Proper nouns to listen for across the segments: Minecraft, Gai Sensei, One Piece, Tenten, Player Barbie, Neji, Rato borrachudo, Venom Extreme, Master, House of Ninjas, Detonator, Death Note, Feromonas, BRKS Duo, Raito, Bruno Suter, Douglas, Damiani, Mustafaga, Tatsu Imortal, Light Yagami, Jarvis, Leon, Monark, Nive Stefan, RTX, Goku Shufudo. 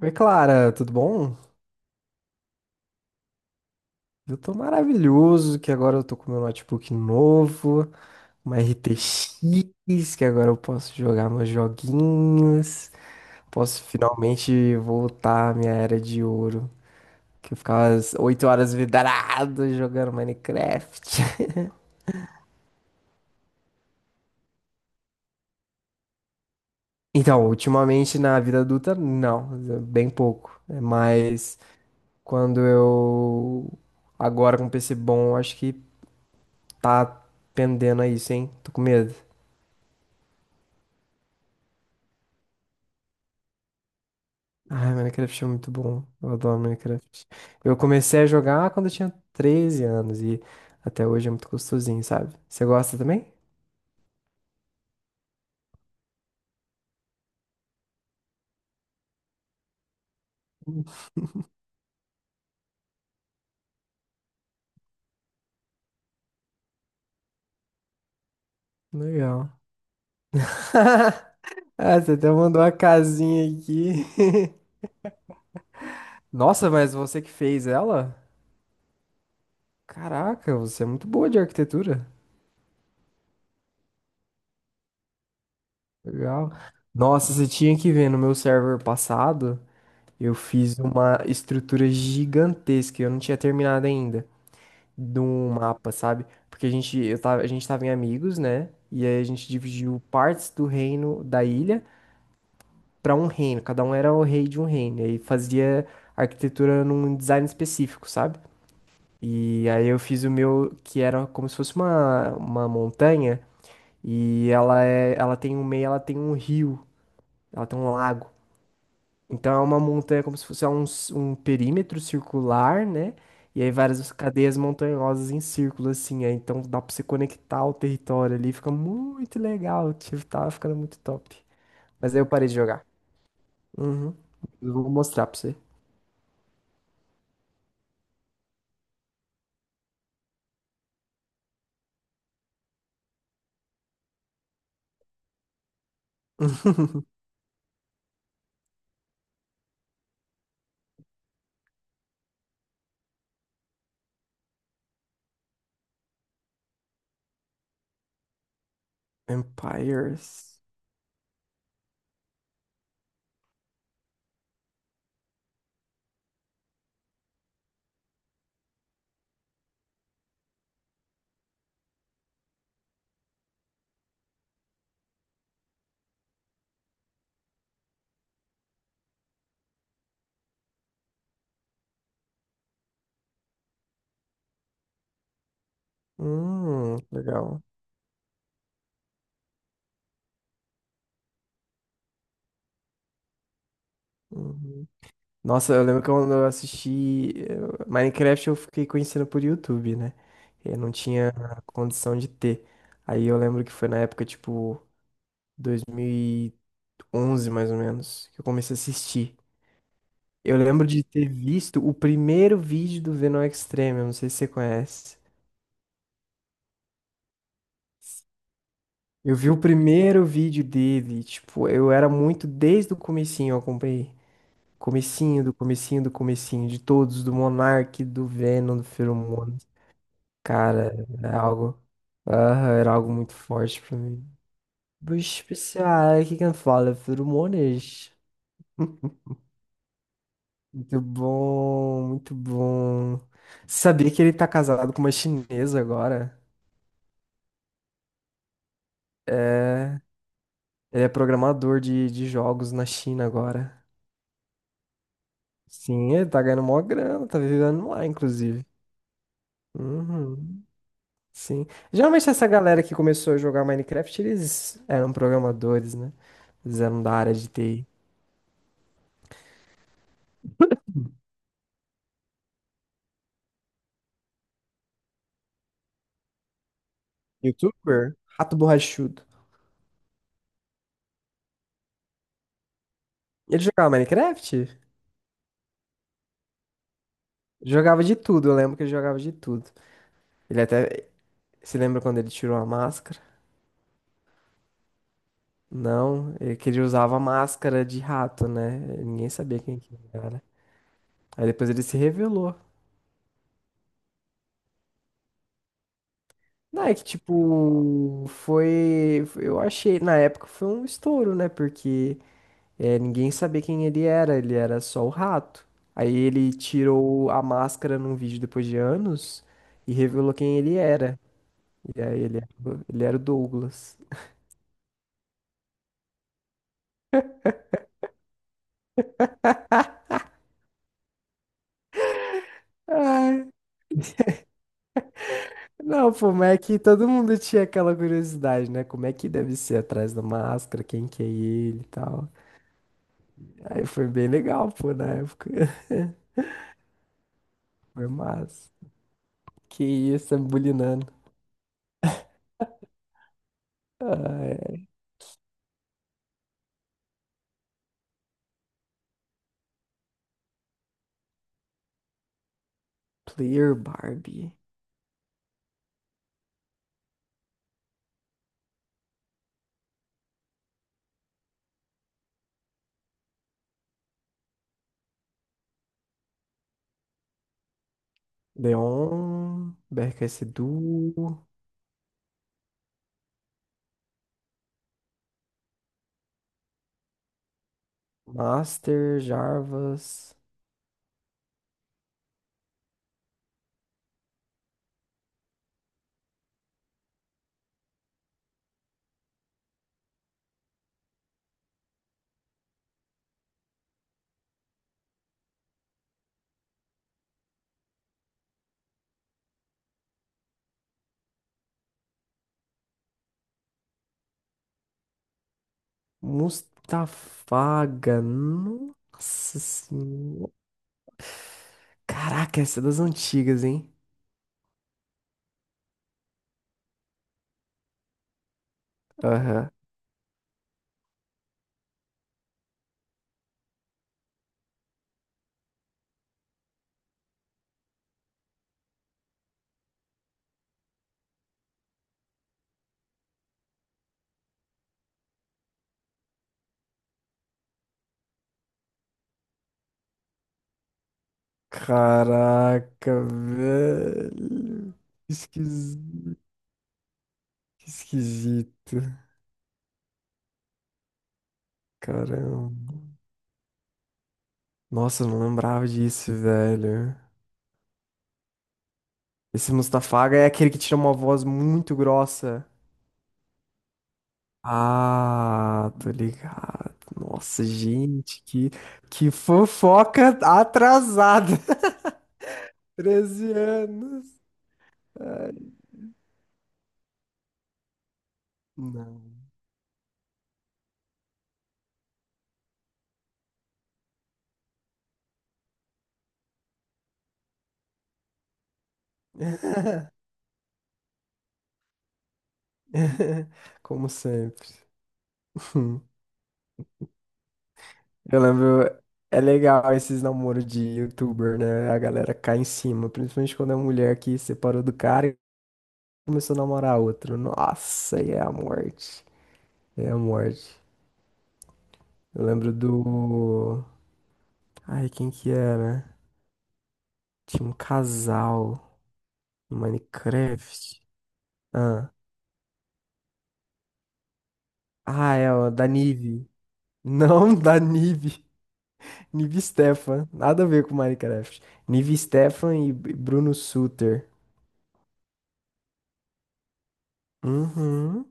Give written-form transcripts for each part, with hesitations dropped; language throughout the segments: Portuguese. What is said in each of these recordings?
Oi, Clara, tudo bom? Eu tô maravilhoso, que agora eu tô com meu notebook novo, uma RTX, que agora eu posso jogar meus joguinhos, posso finalmente voltar à minha era de ouro, que eu ficava às 8 horas vidrado jogando Minecraft. Então, ultimamente na vida adulta, não, bem pouco, né? Mas quando eu agora com um PC bom, acho que tá pendendo a isso, hein? Tô com medo. Ai, Minecraft é muito bom. Eu adoro Minecraft. Eu comecei a jogar quando eu tinha 13 anos e até hoje é muito gostosinho, sabe? Você gosta também? Legal. Ah, você até mandou uma casinha aqui. Nossa, mas você que fez ela? Caraca, você é muito boa de arquitetura. Legal. Nossa, você tinha que ver no meu server passado, eu fiz uma estrutura gigantesca, e eu não tinha terminado ainda. De um mapa, sabe? Porque a gente, eu tava, a gente tava em amigos, né? E aí a gente dividiu partes do reino da ilha para um reino. Cada um era o rei de um reino. E aí fazia arquitetura num design específico, sabe? E aí eu fiz o meu, que era como se fosse uma montanha. E ela é, ela tem um meio, ela tem um rio, ela tem um lago. Então é uma montanha como se fosse é um, um perímetro circular, né? E aí várias cadeias montanhosas em círculo, assim. Aí, então dá pra você conectar o território ali. Fica muito legal. Tipo, tava ficando muito top. Mas aí eu parei de jogar. Uhum. Eu vou mostrar pra você. Empires. Legal. Uhum. Nossa, eu lembro que quando eu assisti Minecraft, eu fiquei conhecendo por YouTube, né? Eu não tinha condição de ter. Aí eu lembro que foi na época, tipo, 2011, mais ou menos, que eu comecei a assistir. Eu lembro de ter visto o primeiro vídeo do Venom Extreme, eu não sei se você conhece. Eu vi o primeiro vídeo dele, tipo, eu era muito desde o comecinho, eu acompanhei. Comecinho do comecinho do comecinho, de todos, do Monark, do Venom, do Feromonas. Cara, era algo. Aham, era algo muito forte pra mim. Bicho especial, o que que eu falo? Feromonas. Muito bom, muito bom. Sabia que ele tá casado com uma chinesa agora? Ele é programador de jogos na China agora. Sim, ele tá ganhando mó grana, tá vivendo lá, inclusive. Uhum, sim. Geralmente essa galera que começou a jogar Minecraft, eles eram programadores, né? Eles eram da área de TI. YouTuber? Rato borrachudo. Ele jogava Minecraft? Jogava de tudo, eu lembro que ele jogava de tudo. Ele até. Você lembra quando ele tirou a máscara? Não, ele, que ele usava máscara de rato, né? Ninguém sabia quem que era, né? Aí depois ele se revelou. Não, é que tipo, foi. Eu achei, na época foi um estouro, né? Porque é, ninguém sabia quem ele era só o rato. Aí ele tirou a máscara num vídeo depois de anos e revelou quem ele era. E aí ele era o Douglas. Ai, não, pô, mas é que todo mundo tinha aquela curiosidade, né? Como é que deve ser atrás da máscara, quem que é ele e tal. Aí foi bem legal, pô, na época. Foi massa. Que isso, tá me bulinando. Ai, Player Barbie. Leon, BRKS Duo, Master, Jarvis, Mustafaga. Nossa senhora. Caraca, essa é das antigas, hein? Aham. Caraca, velho. Esquis- que esquisito. Caramba. Nossa, eu não lembrava disso, velho. Esse Mustafaga é aquele que tira uma voz muito grossa. Ah, tô ligado. Nossa, gente, que fofoca atrasada. 13 anos. Ai, não. Como sempre. Eu lembro, é legal esses namoros de youtuber, né? A galera cai em cima, principalmente quando é mulher que separou do cara e começou a namorar outro. Nossa, aí é a morte. É a morte. Eu lembro do. Ai, quem que era? Tinha um casal no Minecraft. Ah, ah é, ó, da Nive. Não, da Nive. Nive Stefan. Nada a ver com Minecraft. Nive Stefan e Bruno Suter. Uhum.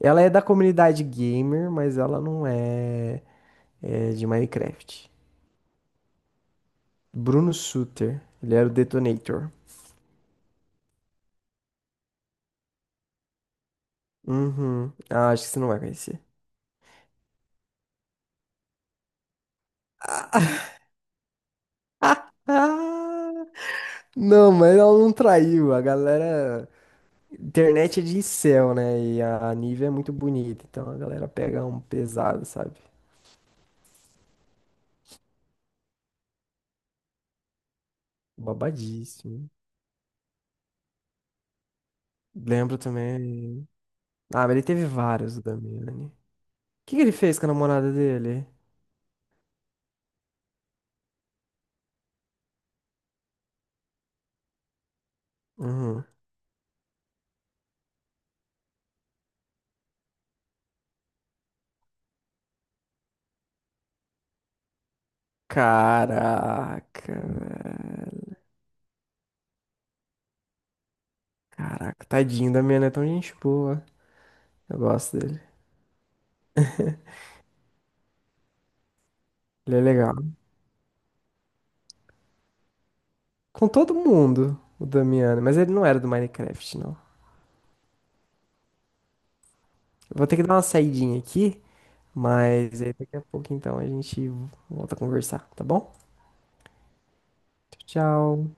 Ela é da comunidade gamer, mas ela não é, é de Minecraft. Bruno Sutter ele era o Detonator. Uhum. Ah, acho que você não vai conhecer. Não, mas ela não traiu. A galera. Internet é de incel, né? E a Nivea é muito bonita. Então a galera pega um pesado, sabe? Babadíssimo. Lembro também. Ah, mas ele teve vários, o Damiani. O que que ele fez com a namorada dele? Uhum. Caraca, velho. Caraca, tadinho, o Damiano é tão gente boa. Eu gosto dele. Ele é legal. Com todo mundo, o Damiano, mas ele não era do Minecraft, não. Eu vou ter que dar uma saidinha aqui, mas aí daqui a pouco então a gente volta a conversar, tá bom? Tchau.